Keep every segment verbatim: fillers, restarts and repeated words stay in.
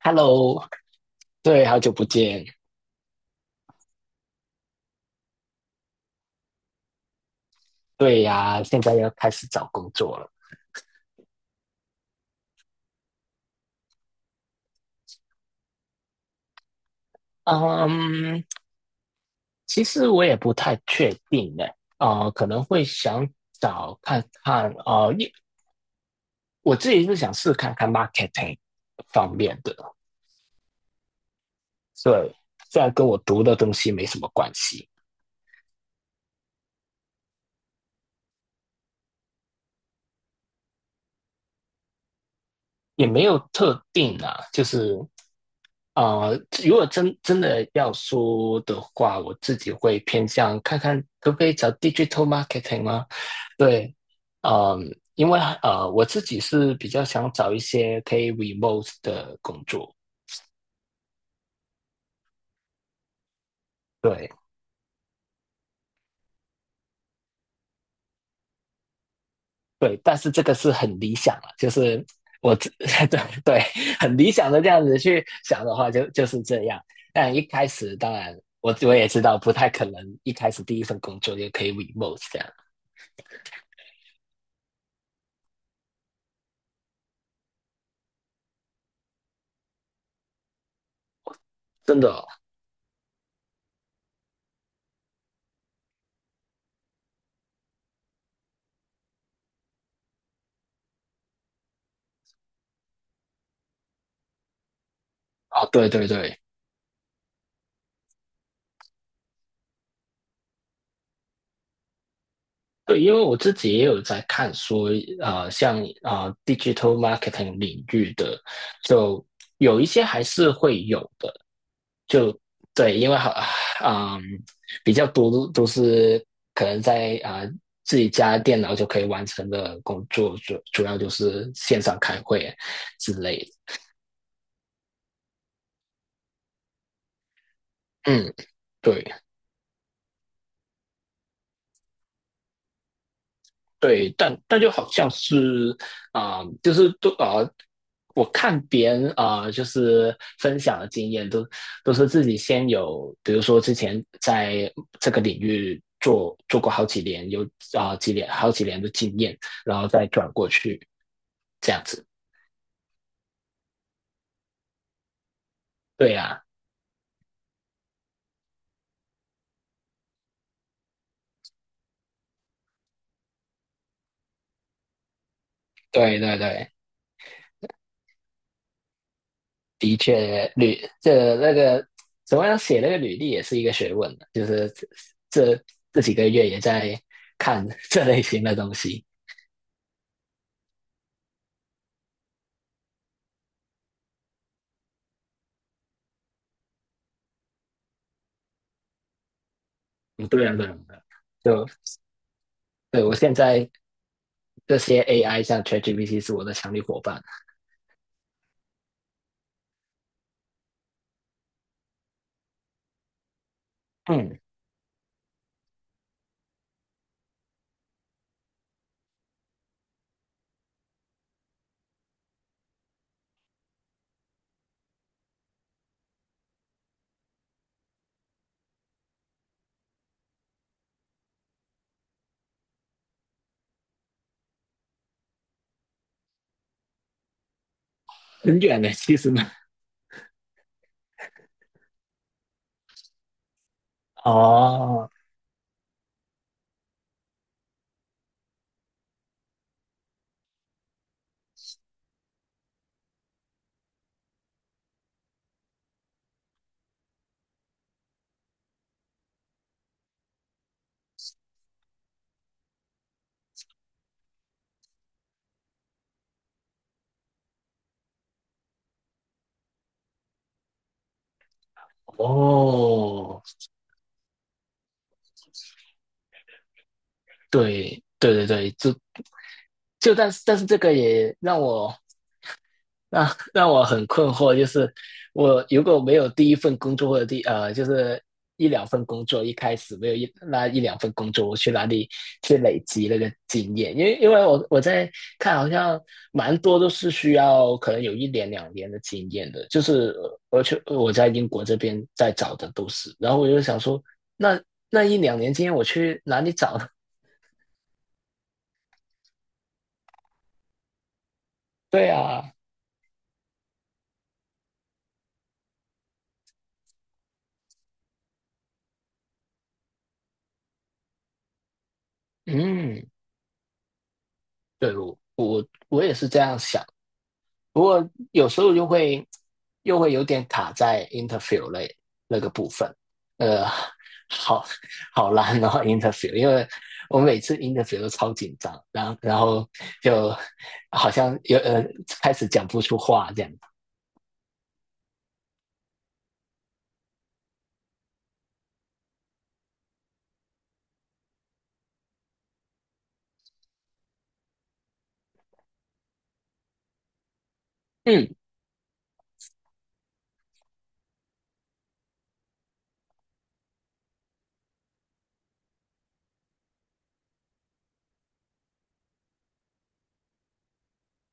Hello，对，好久不见。对呀，现在要开始找工作了。嗯，其实我也不太确定呢。啊，可能会想找看看，啊，因我自己是想试看看 marketing 方面的。对，虽然跟我读的东西没什么关系，也没有特定啊。就是啊，如果真真的要说的话，我自己会偏向看看可不可以找 digital marketing 吗？对，嗯，因为呃，我自己是比较想找一些可以 remote 的工作，对对，但是这个是很理想了，就是我自 对对，很理想的这样子去想的话就，就是这样。但一开始当然，我我也知道不太可能一开始第一份工作就可以 remote 这样，真的啊，哦对对对，对，因为我自己也有在看说，呃，像啊、呃 digital marketing 领域的，就有一些还是会有的，就对，因为好，嗯，比较多都是可能在啊、呃自己家电脑就可以完成的工作，主主要就是线上开会之类的。嗯，对。对，但但就好像是啊、呃就是都啊、呃我看别人啊、呃就是分享的经验都都是自己先有，比如说之前在这个领域做做过好几年，有啊、呃几年好几年的经验，然后再转过去这样子。对呀、啊对对对，的确，履这那个怎么样写那个履历也是一个学问的，就是这这这几个月也在看 这类型的东西。嗯对啊，对啊，对啊就对我现在这些 A I 像 ChatGPT 是我的强力伙伴。嗯，很远的，其实呢。哦，哦，对，对对对，就就但是但是这个也让我 那让我很困惑，就是我如果没有第一份工作或者第呃，就是一两份工作，一开始没有一那一两份工作，我去哪里去累积那个经验？因为因为我我在看，好像蛮多都是需要可能有一年两年的经验的，就是我去我在英国这边在找的都是，然后我就想说，那那一两年经验我去哪里找呢 对啊，嗯，对我我我也是这样想不过有时候又会又会有点卡在 interview 类那个部分，呃，好好难哦 interview，因为我每次 interview 都超紧张，然后然后就好像有呃开始讲不出话这样。嗯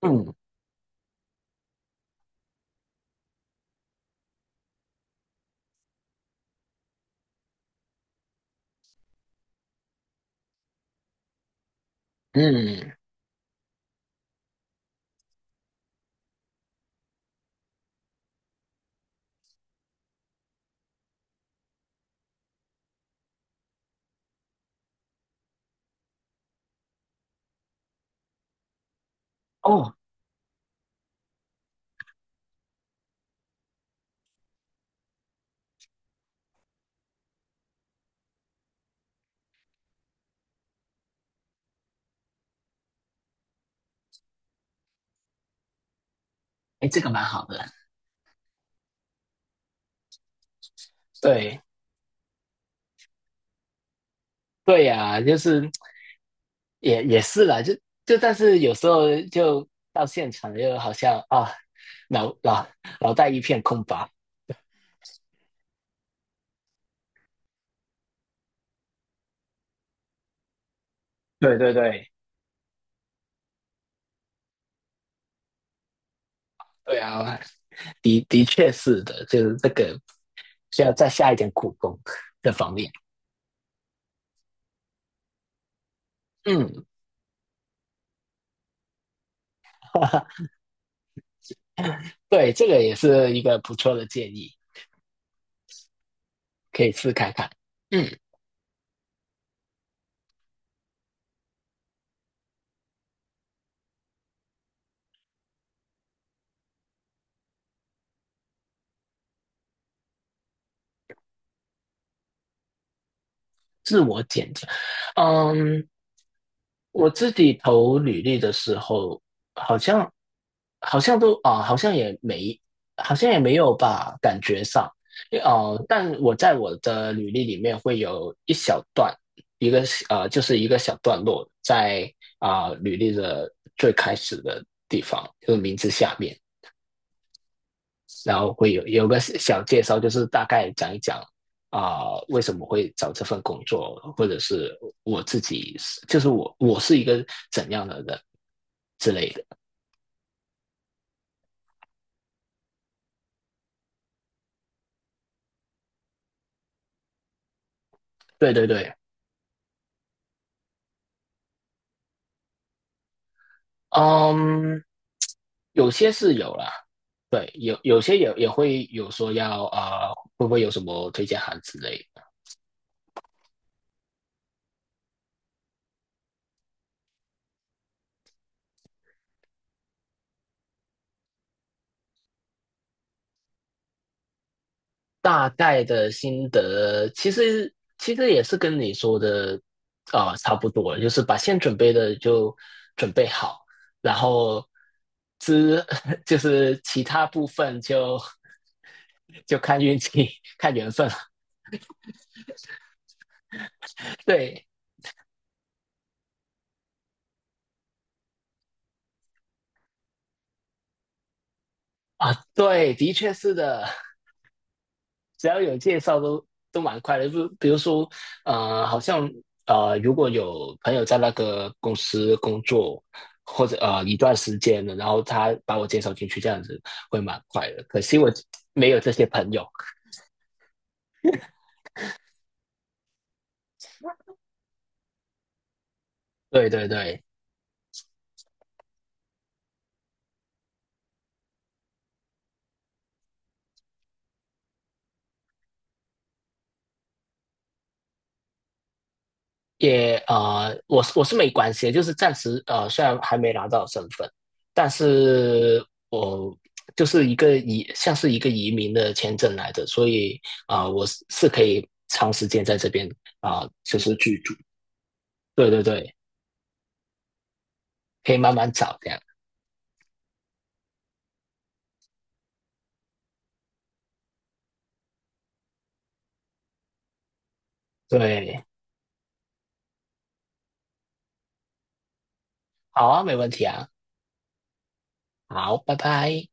嗯嗯，哦，哎，这个蛮好的。对对呀、就是也也是啦，就就但是有时候就到现场又好像啊脑脑脑袋一片空白。对对对，对啊，的的确是的，就是这个需要再下一点苦功这方面。嗯，哈哈，对，这个也是一个不错的建议，可以试看看。嗯，自我检查，嗯，我自己投履历的时候，好像好像都啊、好像也没，好像也没有吧，感觉上，因哦、但我在我的履历里面会有一小段，一个呃，就是一个小段落在啊、履历的最开始的地方，就是名字下面，然后会有有个小介绍，就是大概讲一讲啊、呃为什么会找这份工作，或者是我自己是，就是我我是一个怎样的人之类的。对对对，嗯，有些是有啦，对，有有些也也会有说要啊、呃会不会有什么推荐函之类的。大概的心得，其实其实也是跟你说的啊、呃差不多，就是把先准备的就准备好，然后之 就是其他部分就就看运气、看缘分了。对啊，对，的确是的。只要有介绍都都蛮快的。就比如说，呃，好像呃，如果有朋友在那个公司工作或者呃一段时间了，然后他把我介绍进去，这样子会蛮快的。可惜我没有这些朋友。对对对，也呃，我是我是没关系的，就是暂时呃，虽然还没拿到身份，但是我就是一个移，像是一个移民的签证来的，所以啊、呃我是是可以长时间在这边啊、呃就是居住。对对对，可以慢慢找这样。对，好啊，没问题啊，好，拜拜。